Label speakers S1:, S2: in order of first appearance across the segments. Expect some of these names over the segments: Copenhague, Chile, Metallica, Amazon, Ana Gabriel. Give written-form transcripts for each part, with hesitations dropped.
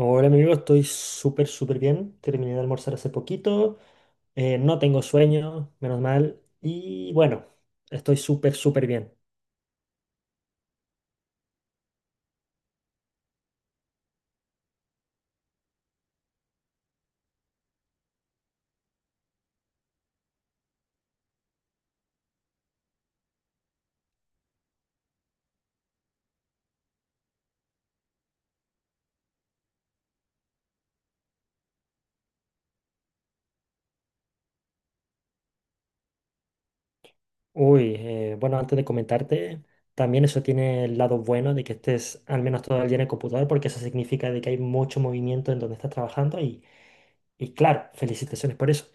S1: Hola, mi amigo, estoy súper, súper bien. Terminé de almorzar hace poquito. No tengo sueño, menos mal. Y bueno, estoy súper, súper bien. Uy, bueno, antes de comentarte, también eso tiene el lado bueno de que estés al menos todo el día en el computador, porque eso significa de que hay mucho movimiento en donde estás trabajando y claro, felicitaciones por eso.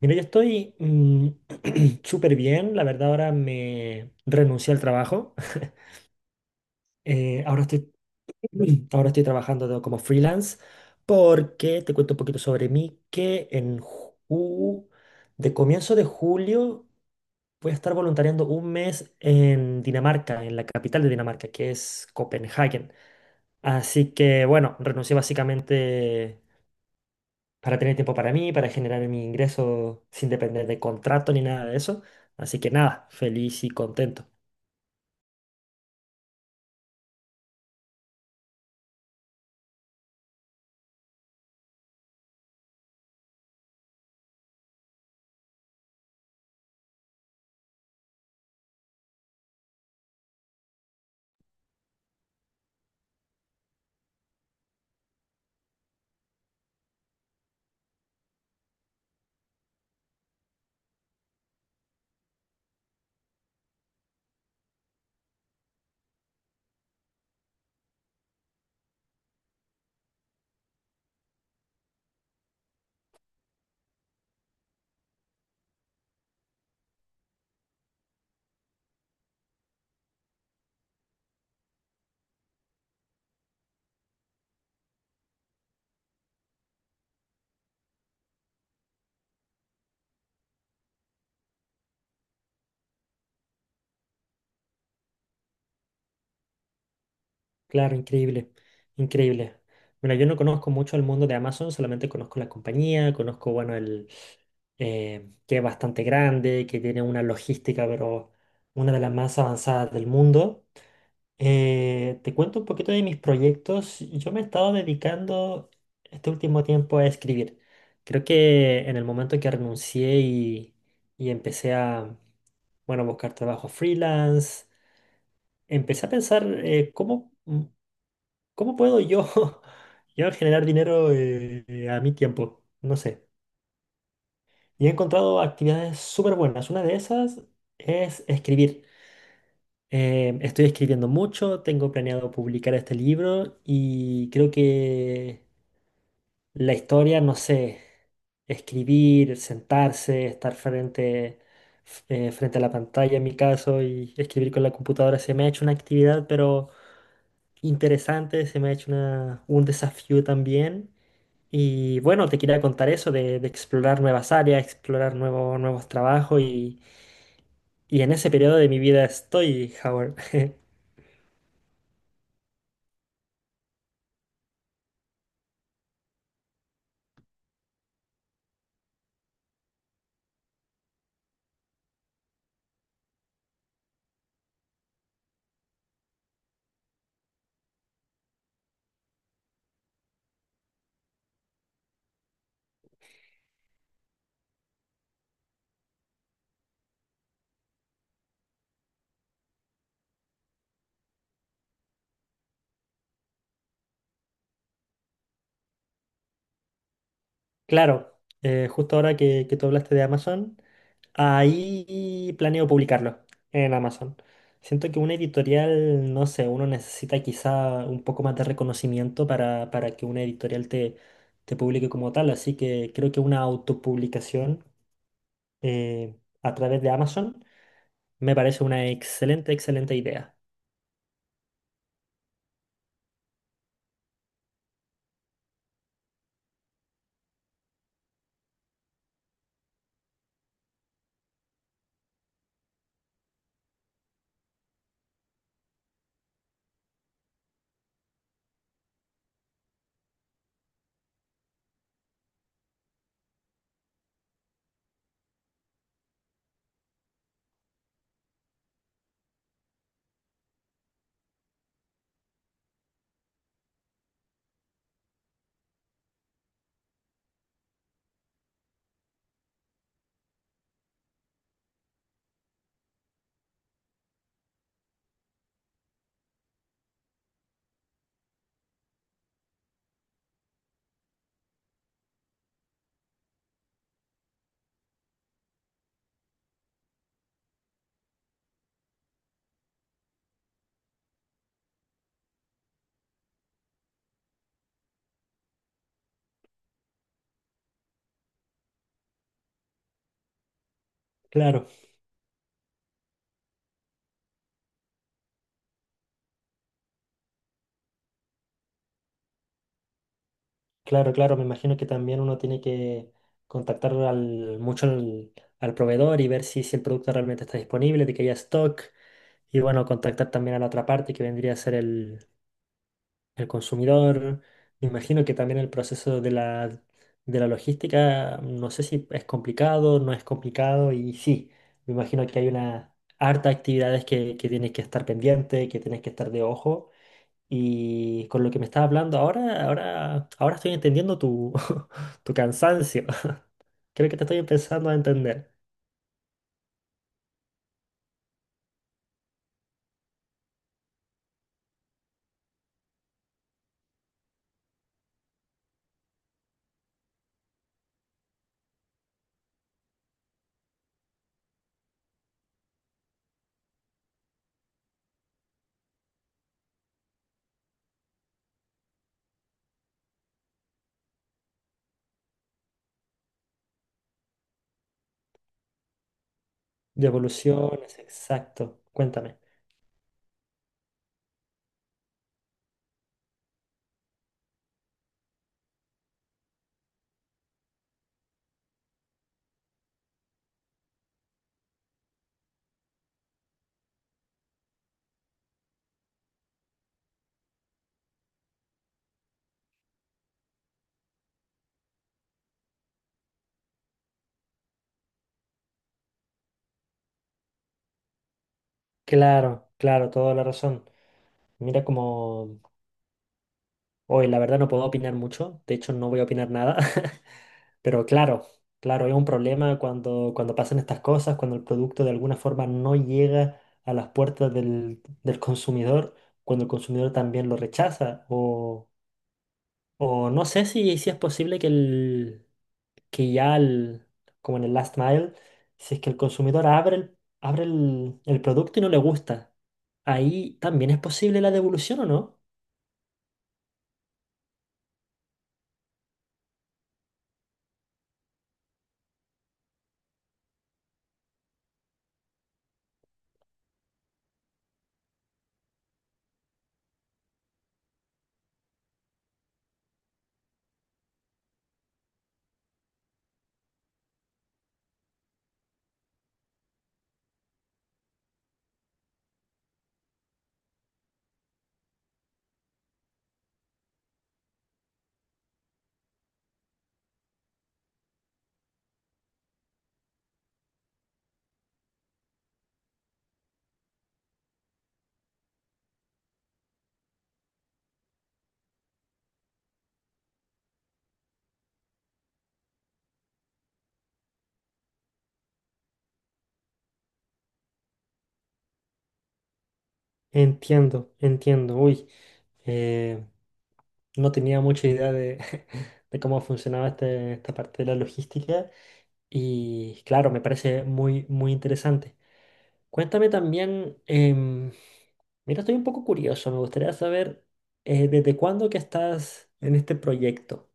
S1: Mira, yo estoy súper bien. La verdad, ahora me renuncié al trabajo. Ahora estoy ahora estoy como freelance, porque te cuento un poquito sobre mí, que de comienzo de julio voy a estar voluntariando un mes en Dinamarca, en la capital de Dinamarca, que es Copenhague. Así que bueno, renuncié básicamente para tener tiempo para mí, para generar mi ingreso sin depender de contrato ni nada de eso. Así que nada, feliz y contento. Claro, increíble, increíble. Bueno, yo no conozco mucho el mundo de Amazon, solamente conozco la compañía, conozco, bueno, el que es bastante grande, que tiene una logística, pero una de las más avanzadas del mundo. Te cuento un poquito de mis proyectos. Yo me he estado dedicando este último tiempo a escribir. Creo que en el momento en que y empecé bueno, buscar trabajo freelance, empecé a pensar cómo... ¿Cómo puedo yo, yo generar dinero a mi tiempo? No sé. Y he encontrado actividades súper buenas. Una de esas es escribir. Estoy escribiendo mucho, tengo planeado publicar este libro y creo que la historia, no sé, escribir, sentarse, estar frente, frente a la pantalla en mi caso, y escribir con la computadora se me ha hecho una actividad, pero interesante, se me ha hecho un desafío también. Y bueno, te quería contar eso de explorar nuevas áreas, explorar nuevos trabajos, y en ese periodo de mi vida estoy, Howard. Claro, justo ahora que tú hablaste de Amazon, ahí planeo publicarlo en Amazon. Siento que una editorial, no sé, uno necesita quizá un poco más de reconocimiento para que una editorial te publique como tal, así que creo que una autopublicación eh, a través de Amazon me parece una excelente, excelente idea. Claro, claro, claro. Me imagino que también uno tiene que mucho al proveedor y ver si el producto realmente está disponible, de que haya stock. Y bueno, contactar también a la otra parte que vendría a ser el consumidor. Me imagino que también el proceso de de la logística, no sé si es complicado, no es complicado. Y sí, me imagino que hay una harta actividades que tienes que estar pendiente, que tienes que estar de ojo. Y con lo que me estás hablando ahora, ahora, ahora estoy entendiendo tu, tu cansancio. Creo que te estoy empezando a entender. De evoluciones, exacto. Cuéntame. Claro, claro, toda la razón. Mira como... Hoy, la verdad no puedo opinar mucho. De hecho, no voy a opinar nada. Pero claro, claro, es un problema cuando pasan estas cosas, cuando el producto de alguna forma no llega a las puertas del consumidor, cuando el consumidor también lo rechaza. O no sé si es posible que ya, como en el last mile, si es que el consumidor abre el producto y no le gusta, ahí también es posible la devolución o no. Entiendo, entiendo. Uy, eh, no tenía mucha idea de, de cómo funcionaba esta parte de la logística, y claro, me parece muy, muy interesante. Cuéntame también, mira, estoy un poco curioso, me gustaría saber desde cuándo que estás en este proyecto.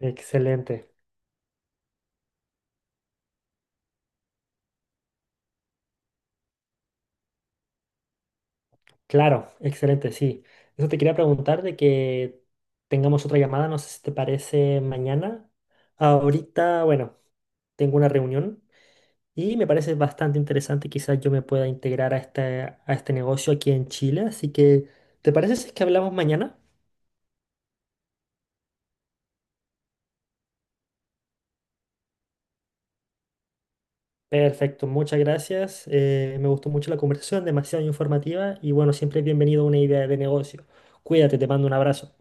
S1: Excelente, claro, excelente, sí. Eso te quería preguntar de que tengamos otra llamada, no sé si te parece mañana. Ahorita, bueno, tengo una reunión y me parece bastante interesante, quizás yo me pueda integrar a a este negocio aquí en Chile, así que ¿te parece si es que hablamos mañana? Perfecto, muchas gracias. Me gustó mucho la conversación, demasiado informativa, y bueno, siempre es bienvenido a una idea de negocio. Cuídate, te mando un abrazo.